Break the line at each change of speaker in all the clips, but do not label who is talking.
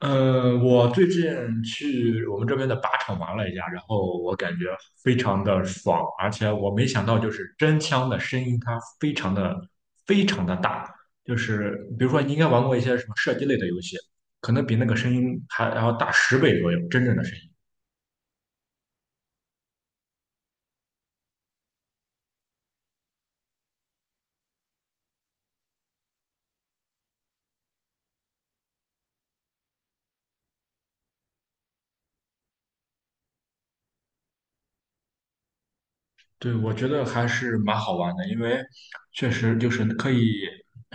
嗯，我最近去我们这边的靶场玩了一下，然后我感觉非常的爽，而且我没想到，就是真枪的声音它非常的大，就是比如说你应该玩过一些什么射击类的游戏，可能比那个声音还要大10倍左右，真正的声音。对，我觉得还是蛮好玩的，因为确实就是可以，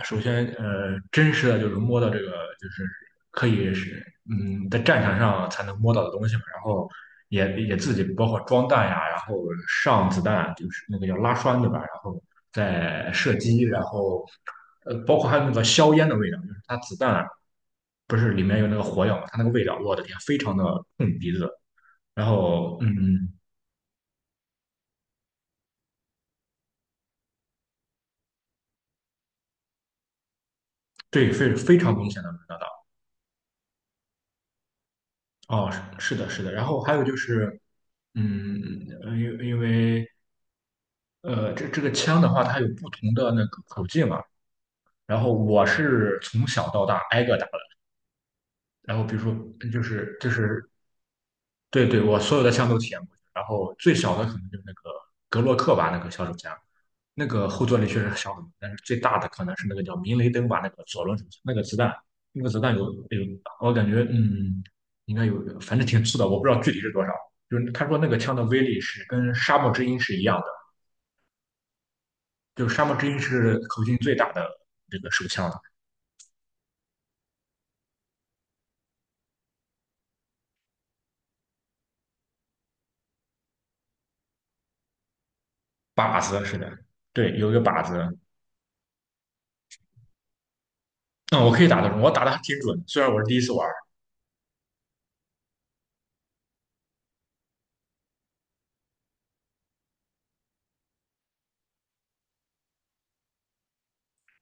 首先真实的就是摸到这个，就是可以是在战场上才能摸到的东西嘛，然后也自己包括装弹呀，然后上子弹，就是那个叫拉栓对吧？然后再射击，然后包括还有那个硝烟的味道，就是它子弹不是里面有那个火药嘛，它那个味道，我的天，非常的冲鼻子，然后嗯，对，非常明显的闻得到。哦，是的，是的。然后还有就是，嗯，因为这个枪的话，它有不同的那个口径嘛。然后我是从小到大挨个打的。然后比如说，就是对对，我所有的枪都体验过，然后最小的可能就是那个格洛克吧，那个小手枪，那个后坐力确实小很多，但是最大的可能是那个叫明雷登吧，那个左轮手枪，那个子弹，那个子弹有，我感觉应该有，反正挺粗的，我不知道具体是多少。就是他说那个枪的威力是跟沙漠之鹰是一样的，就是沙漠之鹰是口径最大的这个手枪了，靶子是的，对，有一个靶子，嗯，我可以打得中，我打的还挺准，虽然我是第一次玩。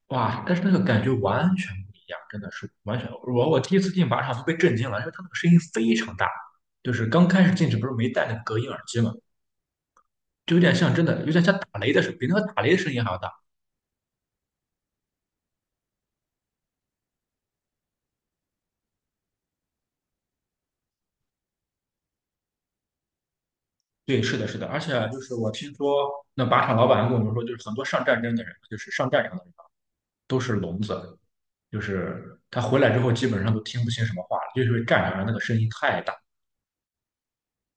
哇，但是那个感觉完全不一样，真的是完全。我第一次进靶场都被震惊了，因为它那个声音非常大，就是刚开始进去不是没戴那个隔音耳机嘛，就有点像真的，有点像打雷的声，比那个打雷的声音还要大。对，是的，是的，而且就是我听说那靶场老板跟我们说，就是很多上战争的人，就是上战场的人都是聋子，就是他回来之后基本上都听不清什么话了，就是因为战场上那个声音太大，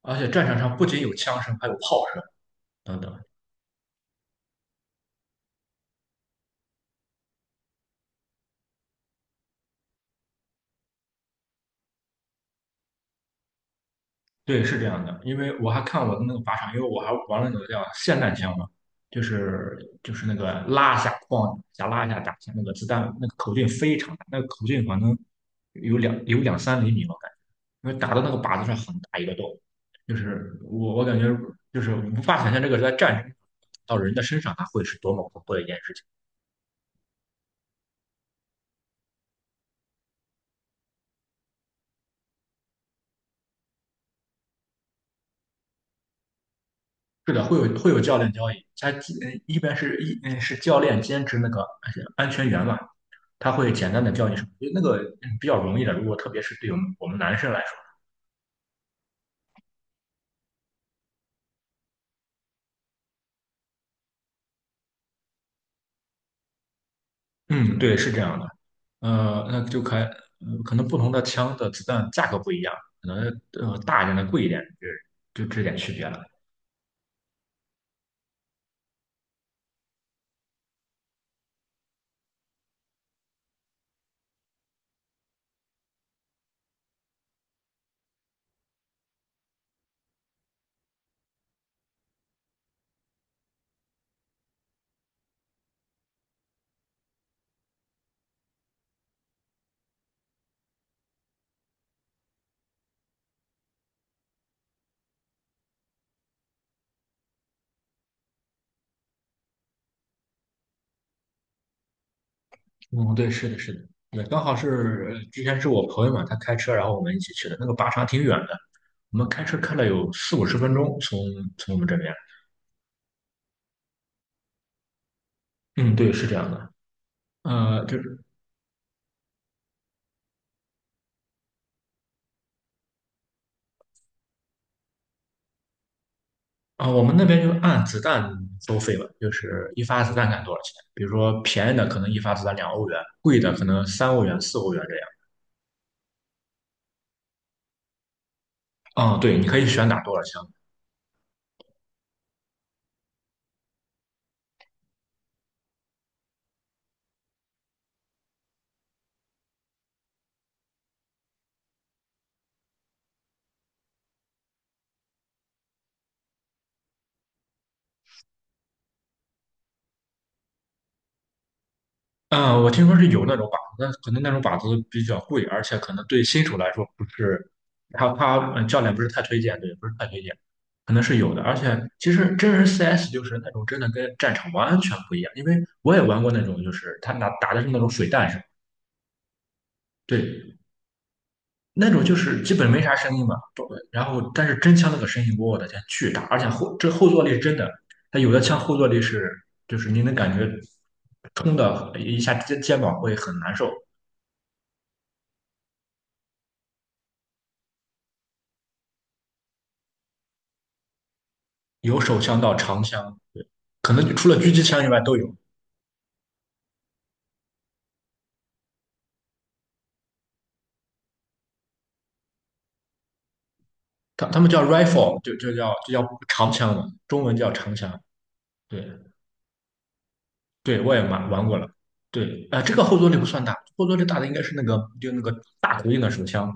而且战场上不仅有枪声，还有炮声等等。对，是这样的，因为我还看我的那个靶场，因为我还玩了那个叫霰弹枪嘛，就是就是那个拉一下框一下拉一下打一下那个子弹那个口径非常大，那个口径可能有两三厘米，吧，感觉，因为打到那个靶子上很大一个洞，就是我感觉就是无法想象这个在战争到人的身上，它会是多么恐怖的一件事情。是的，会有教练交易，他一一般是一嗯是教练兼职那个安全员嘛，他会简单的教你什么，因为那个比较容易的，如果特别是对我们男生来说，嗯，对，是这样的，呃，那就开，呃可能不同的枪的子弹价格不一样，可能大一点的贵一点，就这点区别了。嗯，对，是的，是的，对，刚好之前是我朋友嘛，他开车，然后我们一起去的，那个靶场挺远的，我们开车开了有四五十分钟从，我们这边。嗯，对，是这样的。就是啊、我们那边就按子弹收费了，就是一发子弹看多少钱。比如说便宜的可能一发子弹2欧元，贵的可能3欧元、4欧元这样。啊、对，你可以选打多少枪。啊、我听说是有那种靶子，但可能那种靶子比较贵，而且可能对新手来说不是，他他嗯教练不是太推荐，对，不是太推荐，可能是有的。而且其实真人 CS 就是那种真的跟战场完全不一样，因为我也玩过那种，就是他拿打的是那种水弹是吧，对，那种就是基本没啥声音嘛，不然后但是真枪那个声音，我的天，巨大，而且这后坐力是真的，它有的枪后坐力是就是你能感觉冲的一下肩膀会很难受，有手枪到长枪，可能除了狙击枪以外都有，他们叫 rifle，就叫长枪嘛，中文叫长枪，对对，我也玩过了，对，啊，这个后坐力不算大，后坐力大的应该是那个就那个大口径的手枪，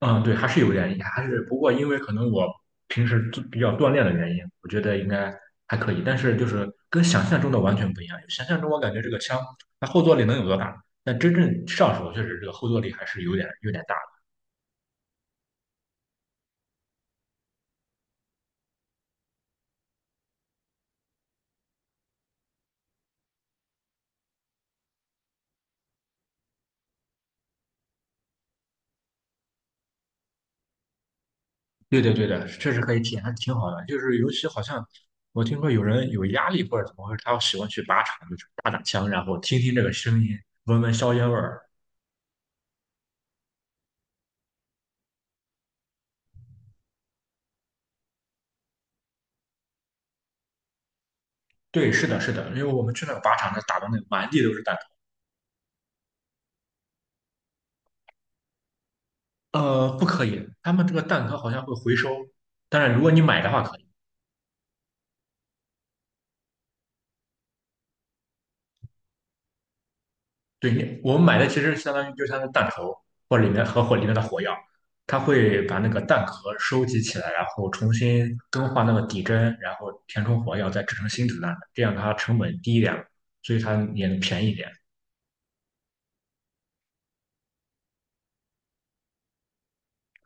嗯，对，还是有原因，不过因为可能我平时都比较锻炼的原因，我觉得应该还可以。但是就是跟想象中的完全不一样，想象中我感觉这个枪它后坐力能有多大，但真正上手确实这个后坐力还是有点大的。对的，对的，确实可以体验，还是挺好的。就是尤其好像我听说有人有压力或者怎么回事，他喜欢去靶场，就是打打枪，然后听听这个声音，闻闻硝烟味儿。对，是的，是的，因为我们去那个靶场，那打的那满地都是弹，不可以，他们这个弹壳好像会回收，当然如果你买的话可以。对，我们买的其实相当于弹头或者里面的火药，它会把那个弹壳收集起来，然后重新更换那个底针，然后填充火药，再制成新子弹的，这样它成本低一点，所以它也能便宜一点，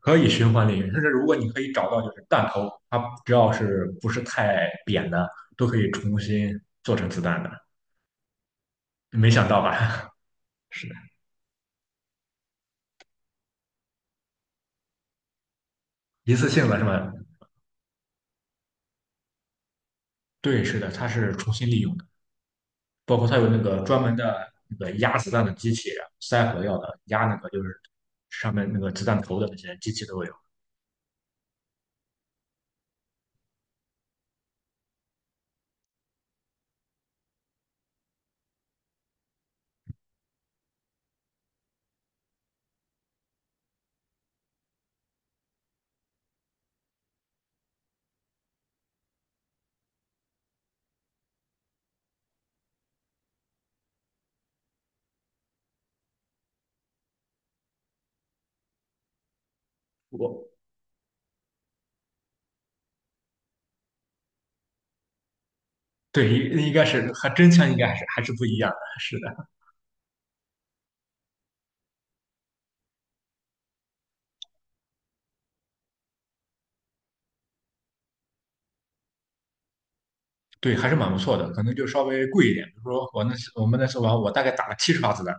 可以循环利用。但是如果你可以找到就是弹头，它只要是不是太扁的，都可以重新做成子弹的。没想到吧？是的，一次性的是吧？对，是的，它是重新利用的，包括它有那个专门的那个压子弹的机器，塞火药的，压那个就是上面那个子弹头的那些机器都有。我对，应该是和真枪应该还是不一样的，是的，对，还是蛮不错的，可能就稍微贵一点。比如说我们那次玩，我大概打了70发子弹，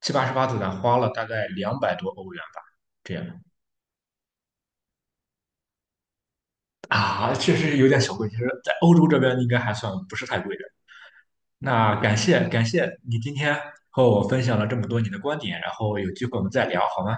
七八十发子弹，花了大概200多欧元吧，这样啊，确实有点小贵。其实，在欧洲这边应该还算不是太贵的。那感谢感谢你今天和我分享了这么多你的观点，然后有机会我们再聊好吗？